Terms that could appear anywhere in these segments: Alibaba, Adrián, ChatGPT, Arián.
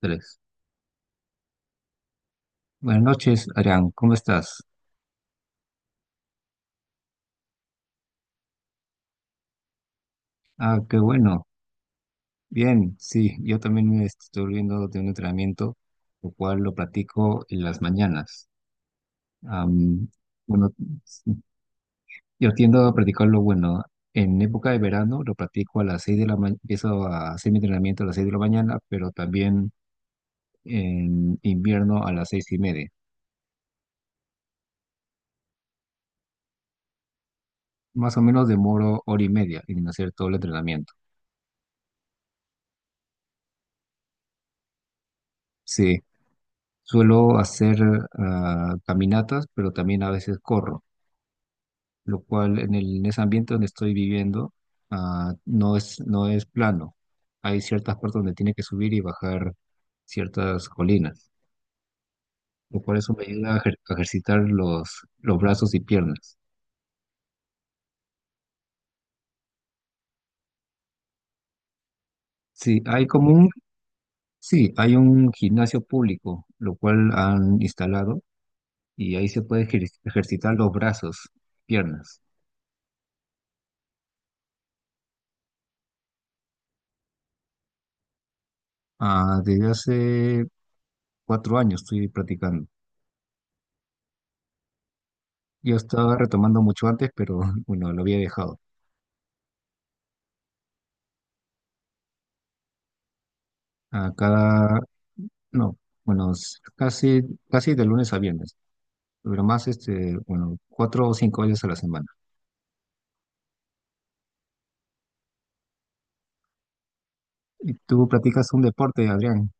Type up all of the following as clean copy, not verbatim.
Tres. Buenas noches, Arián. ¿Cómo estás? Ah, qué bueno. Bien, sí, yo también me estoy volviendo de un entrenamiento, lo cual lo practico en las mañanas. Am, bueno, sí, yo tiendo a practicarlo, bueno, en época de verano lo practico a las 6 de la mañana, empiezo a hacer mi entrenamiento a las 6 de la mañana, pero también en invierno a las seis y media. Más o menos demoro hora y media en hacer todo el entrenamiento. Sí, suelo hacer caminatas, pero también a veces corro, lo cual en ese ambiente donde estoy viviendo no es, no es plano. Hay ciertas partes donde tiene que subir y bajar ciertas colinas, lo cual eso me ayuda a a ejercitar los brazos y piernas. Sí, hay como un, sí, hay un gimnasio público, lo cual han instalado y ahí se puede ejercitar los brazos, piernas. Ah, desde hace cuatro años estoy practicando. Yo estaba retomando mucho antes, pero bueno, lo había dejado. A cada, no, bueno, casi, casi de lunes a viernes, pero más este, bueno, cuatro o cinco veces a la semana. Y tú practicas un deporte, Adrián.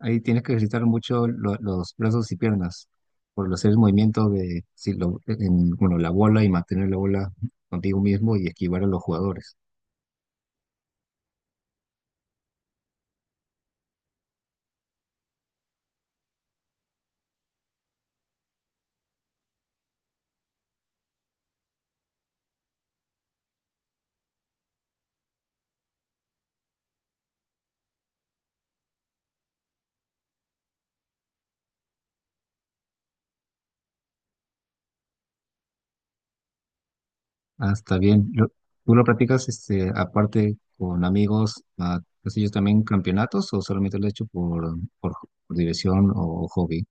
Ahí tienes que ejercitar mucho los brazos y piernas por hacer el movimiento de, si lo, en, bueno, la bola y mantener la bola contigo mismo y esquivar a los jugadores. Ah, está bien. ¿Tú lo practicas este, aparte con amigos, ah, pues ellos también campeonatos o solamente lo has hecho por diversión o hobby?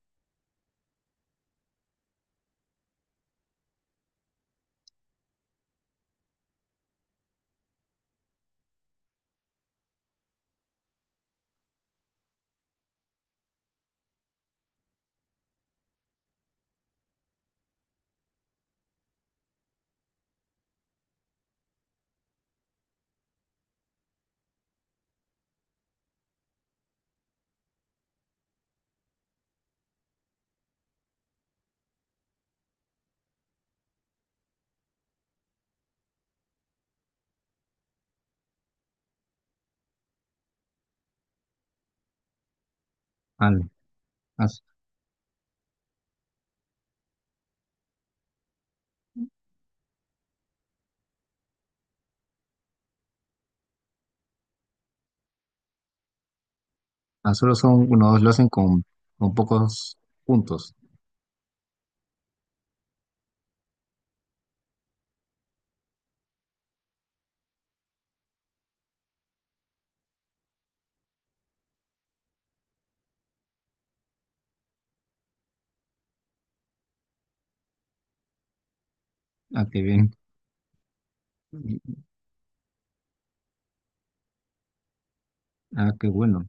Ah, ah, ah, solo son unos, lo hacen con pocos puntos. Ah, qué bien. Y... ah, qué bueno.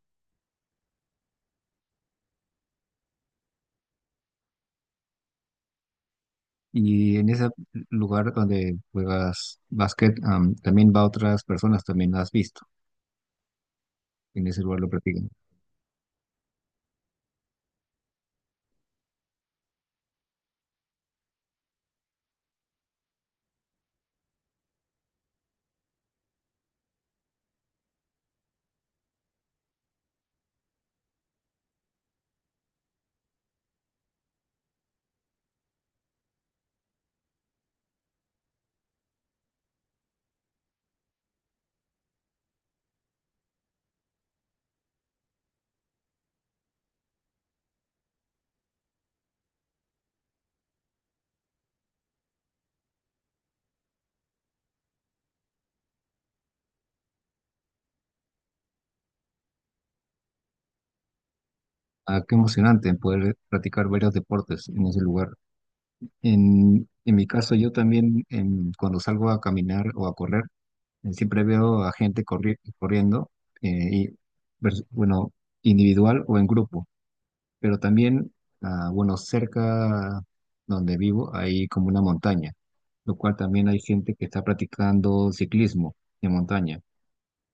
Y en ese lugar donde juegas básquet, también va otras personas, también las has visto. En ese lugar lo practican. Ah, qué emocionante poder practicar varios deportes en ese lugar. En mi caso, yo también cuando salgo a caminar o a correr, siempre veo a gente corriendo, eh, y, bueno, individual o en grupo, pero también, bueno, cerca donde vivo hay como una montaña, lo cual también hay gente que está practicando ciclismo de montaña.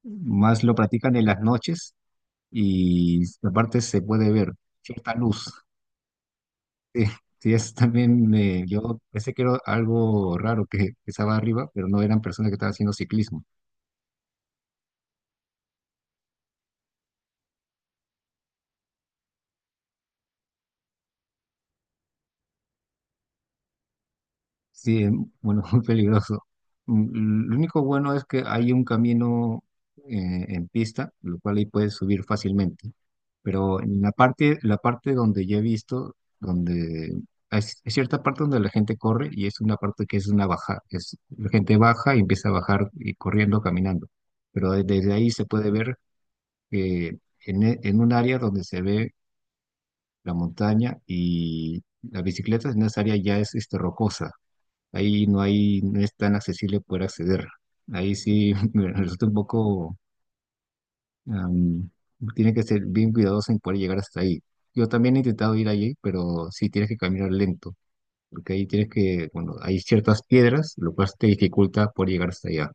Más lo practican en las noches y aparte se puede ver cierta luz. Sí, sí, es también, yo pensé que era algo raro que estaba arriba, pero no eran personas que estaban haciendo ciclismo. Sí, bueno, muy peligroso. Mm, lo único bueno es que hay un camino en pista, lo cual ahí puedes subir fácilmente. Pero en la parte donde yo he visto, donde hay, hay cierta parte donde la gente corre y es una parte que es una baja, es, la gente baja y empieza a bajar y corriendo, caminando. Pero desde ahí se puede ver eh, en un área donde se ve la montaña y la bicicleta en esa área ya es este, rocosa. Ahí no hay, no es tan accesible poder acceder. Ahí sí me resulta un poco, am, tiene que ser bien cuidadoso en poder llegar hasta ahí. Yo también he intentado ir allí, pero sí tienes que caminar lento, porque ahí tienes que, bueno, hay ciertas piedras, lo cual te dificulta poder llegar hasta allá.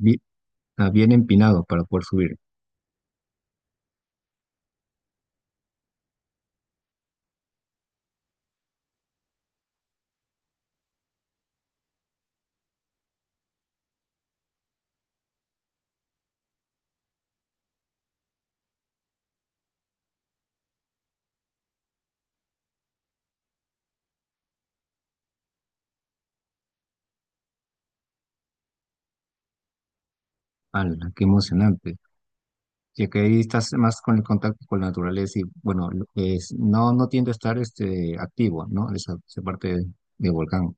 Bien, bien empinado para poder subir. ¡Hala, qué emocionante! Ya que ahí estás más con el contacto con la naturaleza y bueno, es, no, no tiendo a estar este, activo, ¿no? Esa parte del volcán.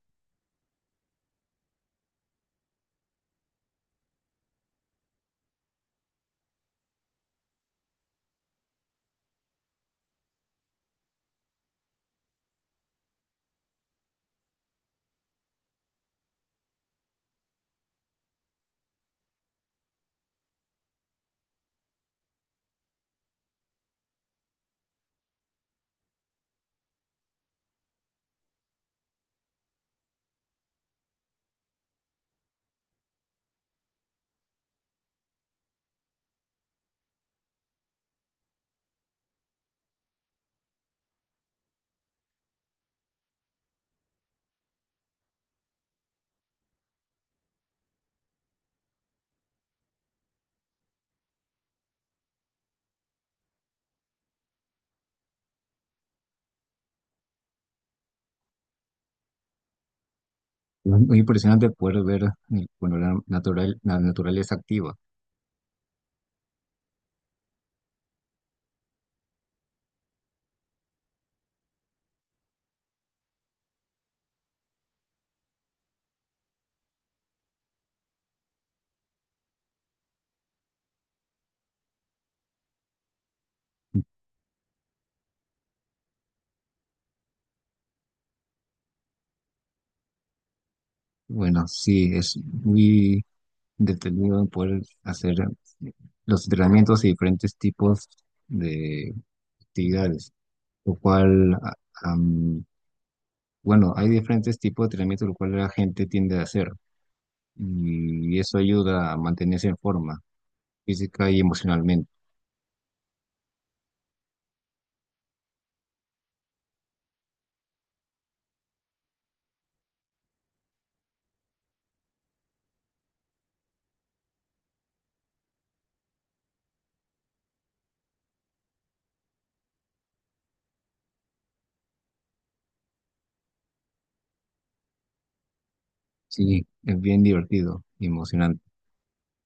Es muy impresionante poder ver bueno, la, natural, la naturaleza activa. Bueno, sí, es muy detenido poder hacer eh, los entrenamientos y diferentes tipos de actividades, lo cual, am, bueno, hay diferentes tipos de entrenamientos, lo cual la gente tiende a hacer y eso ayuda a mantenerse en forma física y emocionalmente. Sí, es bien divertido y emocionante.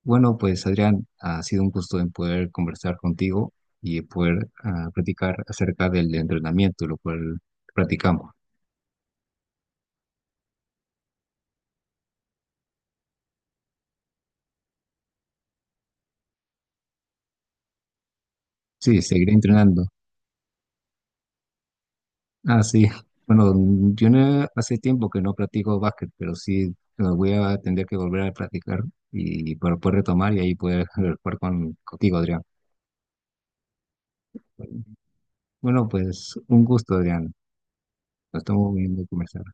Bueno, pues Adrián, ha sido un gusto en poder conversar contigo y poder platicar acerca del entrenamiento, lo cual practicamos. Sí, seguiré entrenando. Ah, sí. Bueno, yo no- hace tiempo que no practico básquet, pero sí voy a tener que volver a practicar y para poder retomar y ahí poder jugar con, contigo, Adrián. Bueno, pues un gusto, Adrián. Nos estamos viendo y conversar.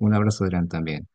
Un abrazo, Adrián, también.